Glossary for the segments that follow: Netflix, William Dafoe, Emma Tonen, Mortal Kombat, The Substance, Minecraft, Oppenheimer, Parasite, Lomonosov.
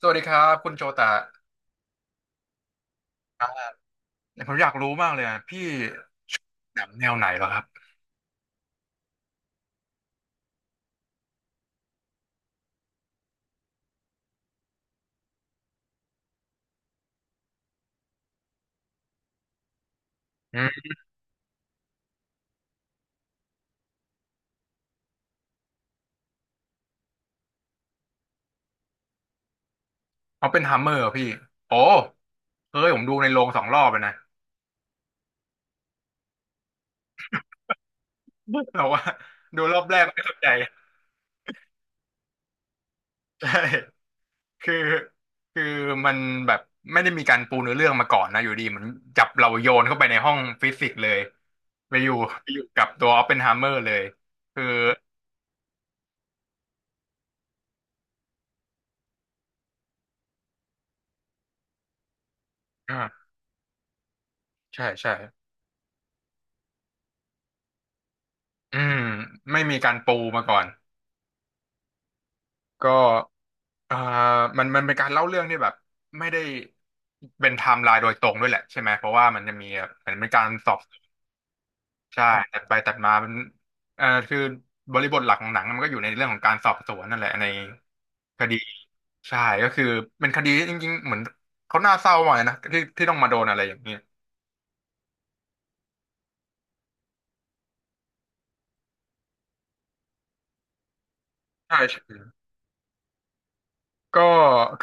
สวัสดีครับคุณโจตะครับผมอยากรู้มากเลยอะพี่หนังแนวไหนเหรอครับอืมเอาเป็นฮัมเมอร์พี่โอ้เฮ้ยผมดูในโรง2 รอบเลยนะ แต่ว่าดูรอบแรกไม่สนใจ ใช่คือคือมันแบบไม่ได้มีการปูเนื้อเรื่องมาก่อนนะอยู่ดีเหมือนจับเราโยนเข้าไปในห้องฟิสิกส์เลยไปอยู่ไปอยู่กับตัวออปเพนไฮเมอร์เลยคืออ่าใช่ใช่อืมไม่มีการปูมาก่อน ก็อ่ามันเป็นการเล่าเรื่องที่แบบไม่ได้เป็นไทม์ไลน์โดยตรงด้วยแหละใช่ไหมเพราะว่ามันจะมีเหมือนเป็นการสอบใช่ตัดไปตัดมามันคือบริบทหลักของหนังมันก็อยู่ในเรื่องของการสอบสวนนั่นแหละในคดีใช่ก็คือเป็นคดีที่จริงๆเหมือนเขาน่าเศร้ามากเลยนะที่ต้องมาโดนอะไรอย่างนี้ใช่ใช่ก็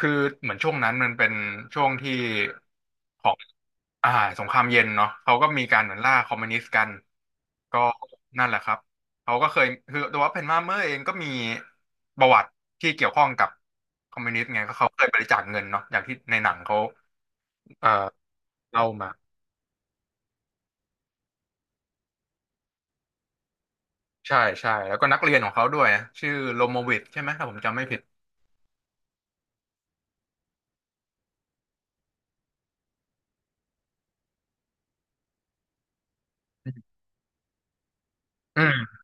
คือเหมือนช่วงนั้นมันเป็นช่วงที่ของอ่าสงครามเย็นเนาะเขาก็มีการเหมือนล่าคอมมิวนิสต์กัน ก็นั่นแหละครับเขาก็เคยคือตัวเพนมาเมอร์เองก็มีประวัติที่เกี่ยวข้องกับคอมมิวนิสต์ไงก็เขาเคยบริจาคเงินเนาะอย่างที่ในหนังเขาเอ่อเล่ามาใช่ใช่แล้วก็นักเรียนของเขาด้วยชื่อโลโมวิทใช่ไหมถ้าผมจำไม่ผิดอืม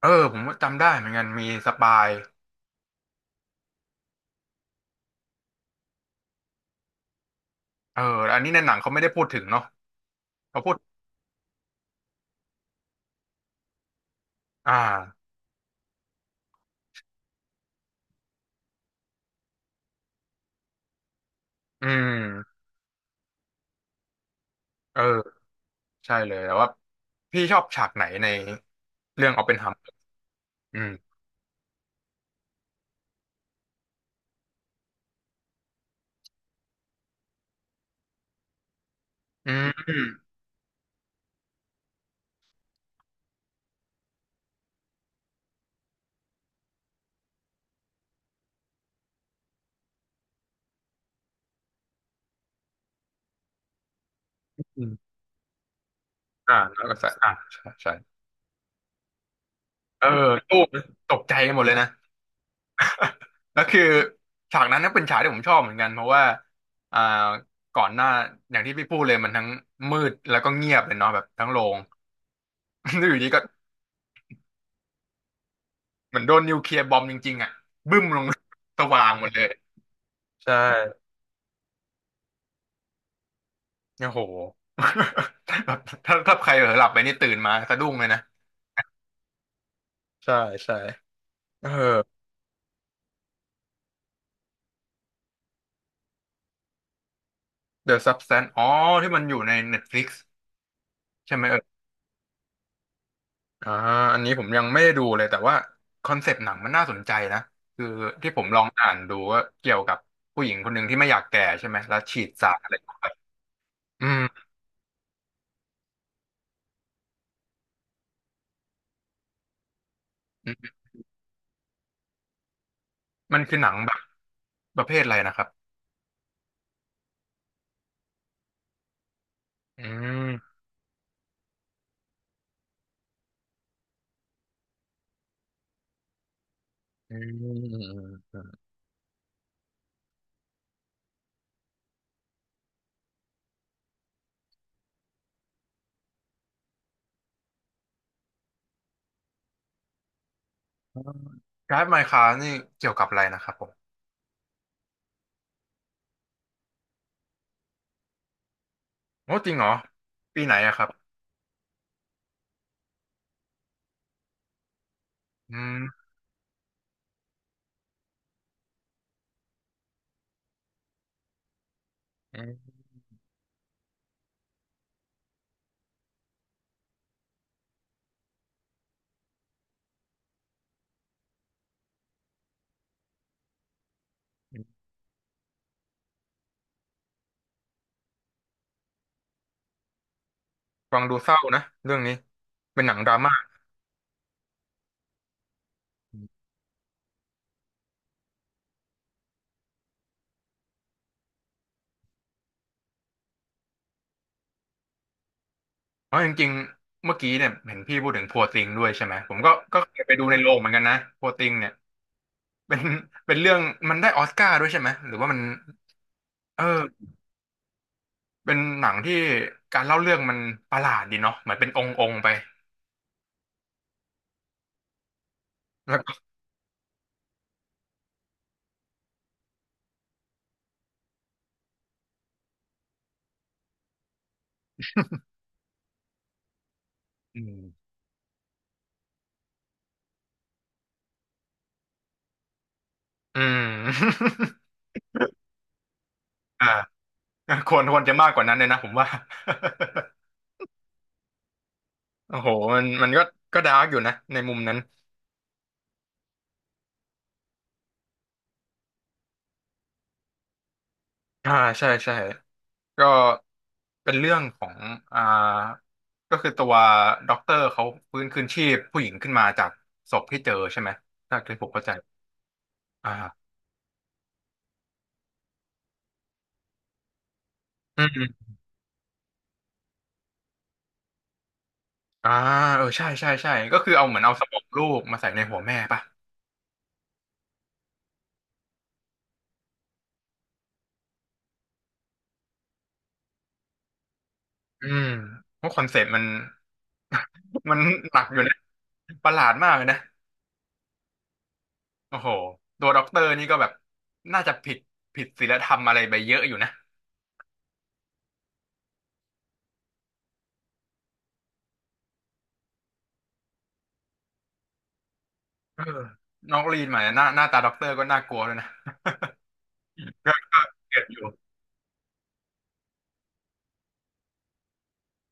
เออผมจำได้เหมือนกันมีสปายเอออันนี้ในหนังเขาไม่ได้พูดถึงเนาะเขาพูดอ่าอืมเออใช่เลยแต่ว่าพี่ชอบฉากไหนในเรื่องออปเพนไฮเมอร์อืมอืม อ่าแล้วก็ใส่อ่าใช่ใช่เออตู้ตกใจหมดเลยนะแล้วคือฉากนั้นก็เป็นฉากที่ผมชอบเหมือนกันเพราะว่าอ่าก่อนหน้าอย่างที่พี่พูดเลยมันทั้งมืดแล้วก็เงียบเลยเนาะแบบทั้งโรง แล้วอยู่ดีก็เหมือนโดนนิวเคลียร์บอมจริงๆอ่ะบึ้มลง สว่างหมดเลยใช่โอ้โห แบบถ้าใครเผลอหลับไปนี่ตื่นมาสะดุ้งเลยนะใช่ใช่เออ The Substance อ๋อที่มันอยู่ใน Netflix ใช่ไหม อ่าอันนี้ผมยังไม่ได้ดูเลยแต่ว่าคอนเซปต์หนังมันน่าสนใจนะคือที่ผมลองอ่านดูว่าเกี่ยวกับผู้หญิงคนหนึ่งที่ไม่อยากแก่ใช่ไหมแล้วฉีดสารอะไรเข้าไปอืมอืมมันคือหนังแบบประเภทอะไรนะครับอืมอืมอืมอืมอืมการ์ดไมค้านี่เกี่ยวกับอะไรนะครับผมโอ้จริงเหรอปีไหนอะครับอืมอืมฟังดูเศร้านะเรื่องนี้เป็นหนังดราม่า เพราะจริงๆเมื่อกี้เนี่ยเห็นพี่พูดถึงพัวติงด้วยใช่ไหมผมก็เคยไปดูในโรงเหมือนกันนะพัวติงเนี่ยเป็นเป็นเรื่องมันได้ออสการ์ด้วยใช่ไหมหรือว่ามันเออเป็นหนังที่การเล่าเรื่องมันประหลาดดีเนาะเหมือนเป็นองค์องค์ไปแล้วก็อืมอืม อ่าควรจะมากกว่านั้นเลยนะผมว่า โอ้โหมันก็ดาร์กอยู่นะในมุมนั้นอ่าใช่ใช่ ก็เป็นเรื่องของอ่าก็คือตัวด็อกเตอร์เขาฟื้นคืนชีพผู้หญิงขึ้นมาจากศพที่เจอใช่ไหมถ้าที่ผมเข้าใจอ่าอืมอ่าเออใช่ใช่ใช่ก็คือเอาเหมือนเอาสมองลูกมาใส่ในหัวแม่ป่ะอืมเพราะคอนเซ็ปต์มัน มันหนักอยู่นะประหลาดมากเลยนะโอ้โหตัวด็อกเตอร์นี่ก็แบบน่าจะผิดศีลธรรมอะไรไปเยอะอยู่นะเออน้องลีนมาเนี่ยหน้าตาด็อกเตอร์ก็น่ากลัวเลยนะ ก็เกลียดอยู่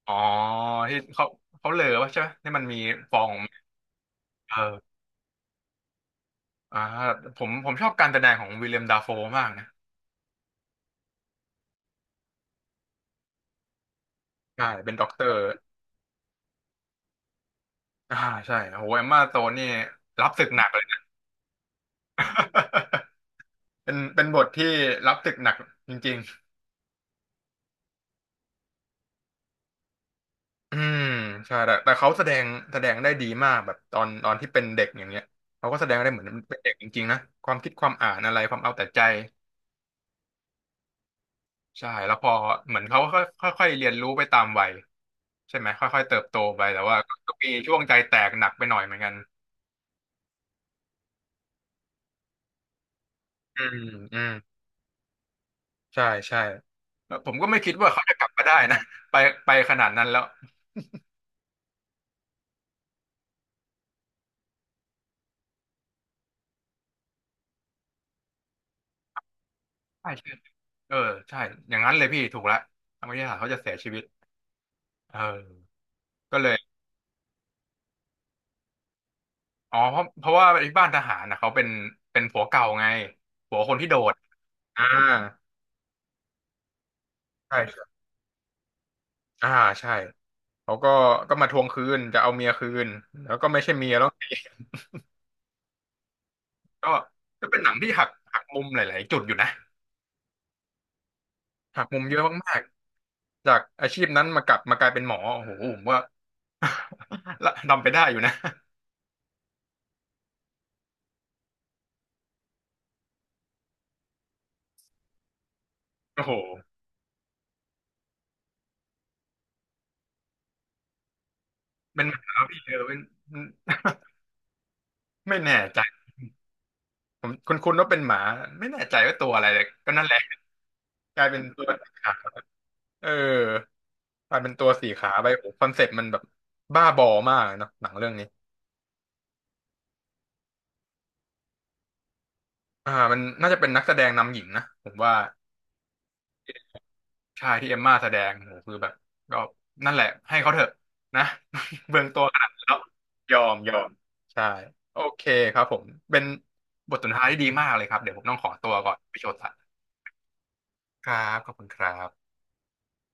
อ๋อที่เขาเหลอวะใช่ไหมที่มันมีฟองเอออ่าผมชอบการแสดงของวิลเลียมดาโฟมากนะใช่เป็นด็อกเตอร์อ่าใช่โหเอมม่าโตนนี่รับศึกหนักเลยนะ เป็นบทที่รับศึกหนักจริงๆอืมใช่แต่เขาแสดงแสดงได้ดีมากแบบตอนที่เป็นเด็กอย่างเงี้ยเขาก็แสดงได้เหมือนเป็นเด็กจริงๆนะความคิดความอ่านอะไรความเอาแต่ใจ ใช่แล้วพอเหมือนเขาก็ค่อยค่อยๆเรียนรู้ไปตามวัยใช่ไหมค่อยๆเติบโตไปแต่ว่าก็มีช่วงใจแตกหนักไปหน่อยเหมือนกันอืมอืมใช่ใช่แล้วผมก็ไม่คิดว่าเขาจะกลับมาได้นะ ไปไปขนาดนั้นแล้วใช่ใช่เออใช่อย่างนั้นเลยพี่ถูกละทางวิทยาศาสตร์เขาจะเสียชีวิตเออก็เลยอ๋อเพราะว่าที่บ้านทหารนะเขาเป็นเป็นผัวเก่าไงผัวคนที่โดดอ่าใช่ใช่อ่าใช่เขาก็มาทวงคืนจะเอาเมียคืนแล้วก็ไม่ใช่เมียแล้ว ก็ก็เป็นหนังที่หักมุมหลายๆจุดอยู่นะหักมุมเยอะมากๆจากอาชีพนั้นมากลับมากลายเป็นหมอโอ้โหผมว่า ละทำไปได้อยู่นะโอ้โหเป็นหมาพี่เออเป็นไม่แน่ใจผมคุณว่าเป็นหมาไม่แน่ใจว่าตัวอะไรเลยก็นั่นแหละกลายเป็นตัวสีขาวเออกลายเป็นตัวสีขาไปโอ้คอนเซ็ปต์มันแบบบ้าบอมากเลยเนาะหนังเรื่องนี้อ่ามันน่าจะเป็นนักแสดงนำหญิงนะผมว่า ใช่ที่เอมม่าแสดงโหคือแบบก็นั่นแหละให้เขาเถอะนะ เบืองตัวขนาดนั้นแล้วยอมยอมใช่โอเคครับผมเป็นบทสนทนาที่ดีมากเลยครับเดี๋ยวผมต้องขอตัวก่อนไปโชว์สัตว์ครับขอบคุณครับ